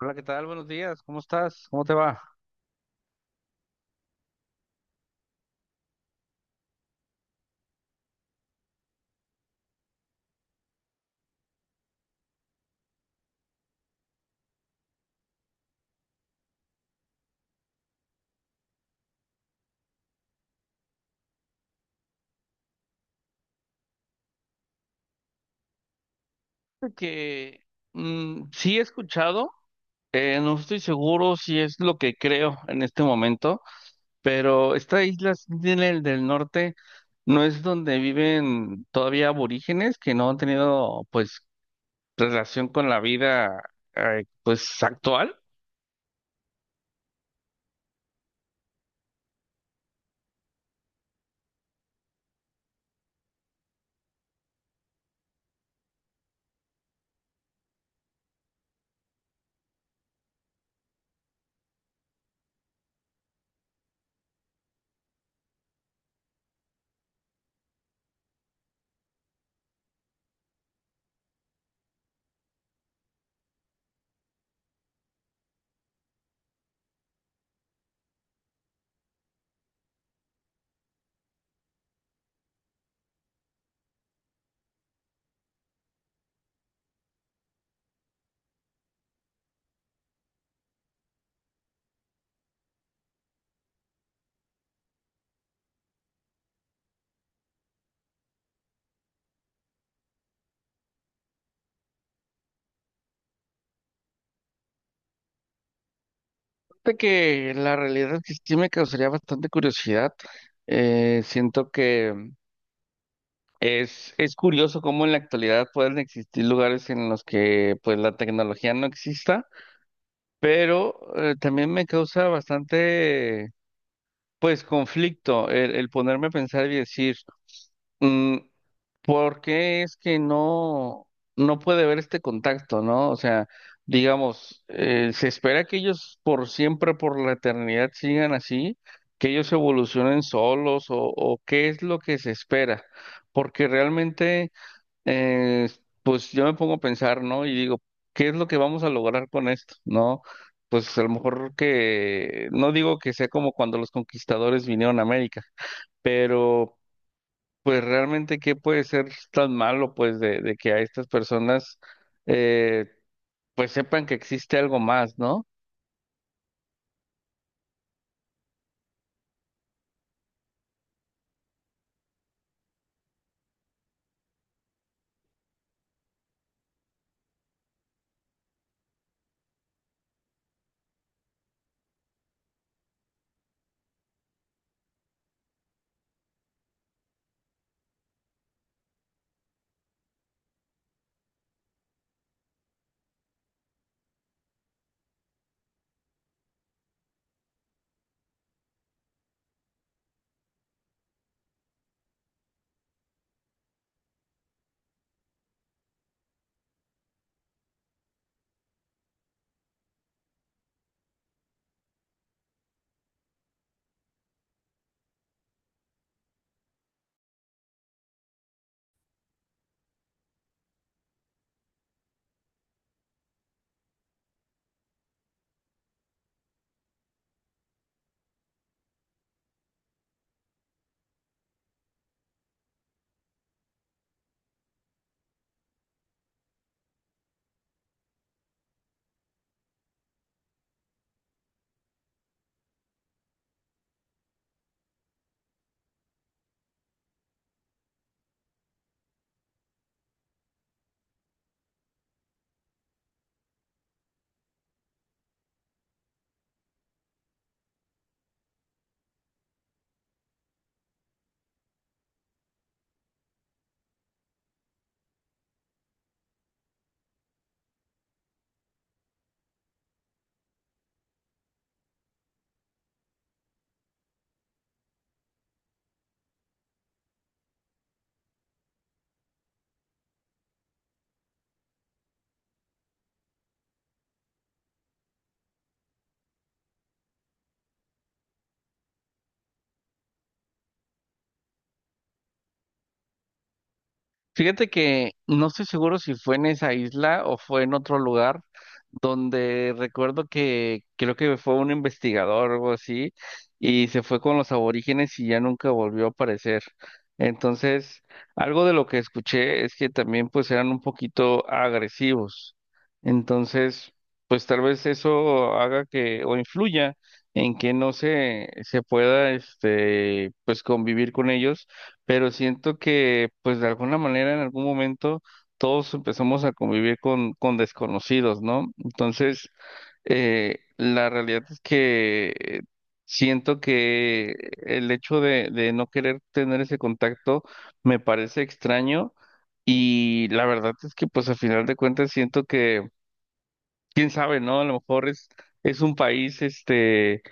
Hola, ¿qué tal? Buenos días. ¿Cómo estás? ¿Cómo te va? Que sí he escuchado, no estoy seguro si es lo que creo en este momento, pero esta isla Sentinel del Norte no es donde viven todavía aborígenes que no han tenido pues relación con la vida pues actual. De que la realidad es que sí me causaría bastante curiosidad. Siento que es curioso cómo en la actualidad pueden existir lugares en los que pues la tecnología no exista, pero también me causa bastante pues conflicto el ponerme a pensar y decir, mm, ¿por qué es que no puede haber este contacto, ¿no? O sea, digamos, se espera que ellos por siempre, por la eternidad sigan así, que ellos evolucionen solos o qué es lo que se espera, porque realmente eh, pues yo me pongo a pensar, ¿no? Y digo, ¿qué es lo que vamos a lograr con esto? ¿No? Pues a lo mejor que, no digo que sea como cuando los conquistadores vinieron a América, pero pues realmente, ¿qué puede ser tan malo, pues, de que a estas personas, eh, pues sepan que existe algo más, ¿no? Fíjate que no estoy seguro si fue en esa isla o fue en otro lugar donde recuerdo que creo que fue un investigador o algo así y se fue con los aborígenes y ya nunca volvió a aparecer. Entonces, algo de lo que escuché es que también pues eran un poquito agresivos. Entonces, pues tal vez eso haga que o influya en que no se pueda este pues convivir con ellos, pero siento que pues de alguna manera en algún momento todos empezamos a convivir con desconocidos, ¿no? Entonces, la realidad es que siento que el hecho de no querer tener ese contacto me parece extraño y la verdad es que pues a final de cuentas siento que, quién sabe, ¿no? A lo mejor es un país, este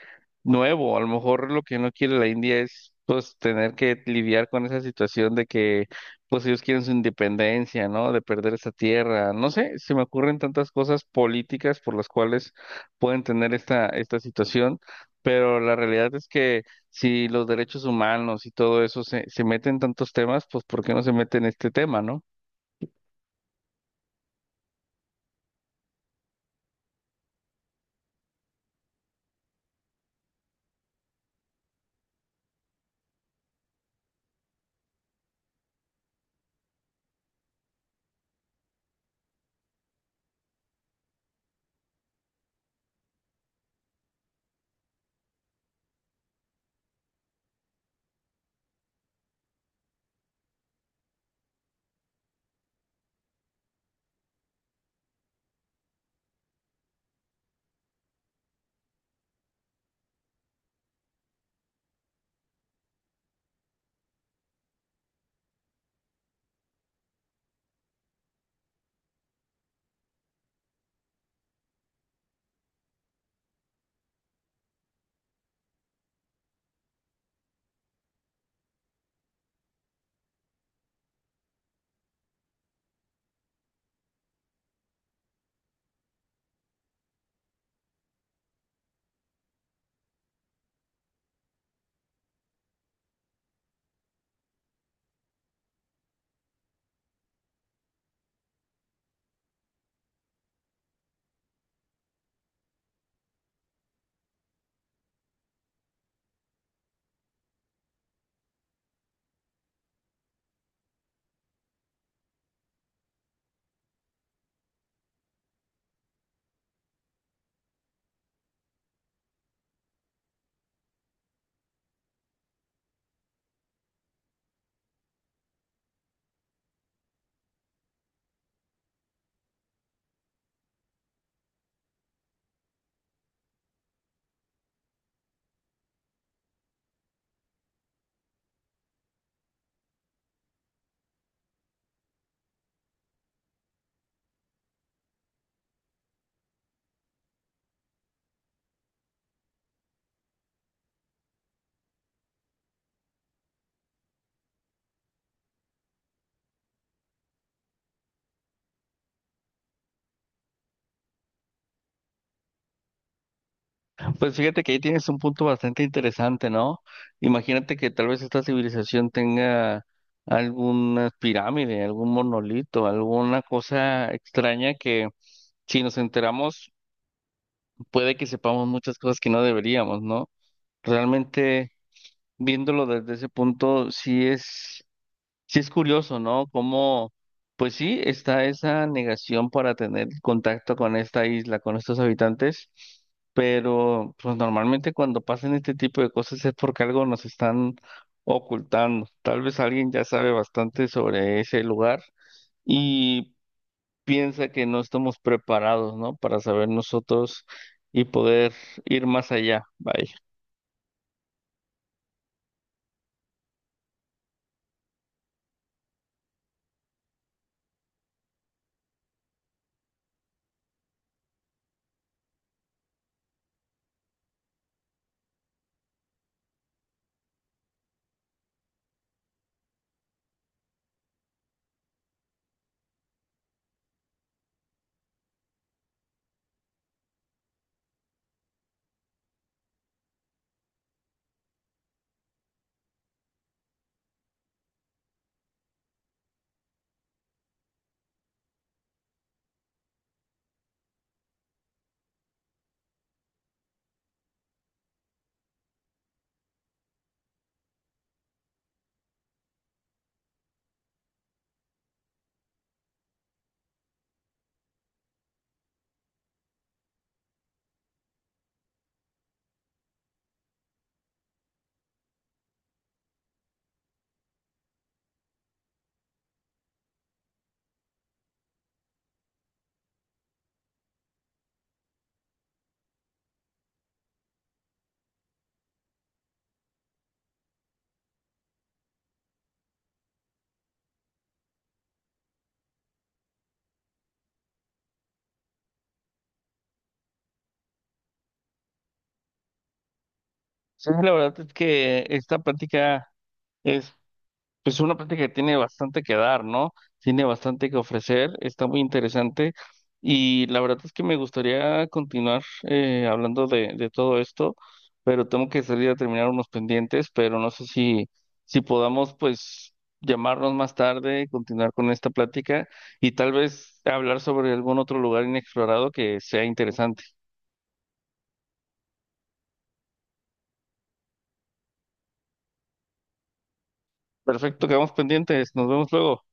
nuevo. A lo mejor lo que no quiere la India es pues tener que lidiar con esa situación de que pues ellos quieren su independencia, ¿no? De perder esa tierra. No sé, se me ocurren tantas cosas políticas por las cuales pueden tener esta situación, pero la realidad es que si los derechos humanos y todo eso se meten en tantos temas, pues ¿por qué no se mete en este tema, ¿no? Pues fíjate que ahí tienes un punto bastante interesante, ¿no? Imagínate que tal vez esta civilización tenga alguna pirámide, algún monolito, alguna cosa extraña que si nos enteramos puede que sepamos muchas cosas que no deberíamos, ¿no? Realmente viéndolo desde ese punto, Sí es curioso, ¿no? Cómo, pues sí, está esa negación para tener contacto con esta isla, con estos habitantes, pero pues normalmente cuando pasan este tipo de cosas es porque algo nos están ocultando. Tal vez alguien ya sabe bastante sobre ese lugar y piensa que no estamos preparados, ¿no? Para saber nosotros y poder ir más allá. Vaya. Sí, la verdad es que esta práctica Pues una práctica que tiene bastante que dar, ¿no? Tiene bastante que ofrecer, está muy interesante y la verdad es que me gustaría continuar hablando de todo esto, pero tengo que salir a terminar unos pendientes, pero no sé si, si podamos pues llamarnos más tarde, continuar con esta plática y tal vez hablar sobre algún otro lugar inexplorado que sea interesante. Perfecto, quedamos pendientes, nos vemos luego.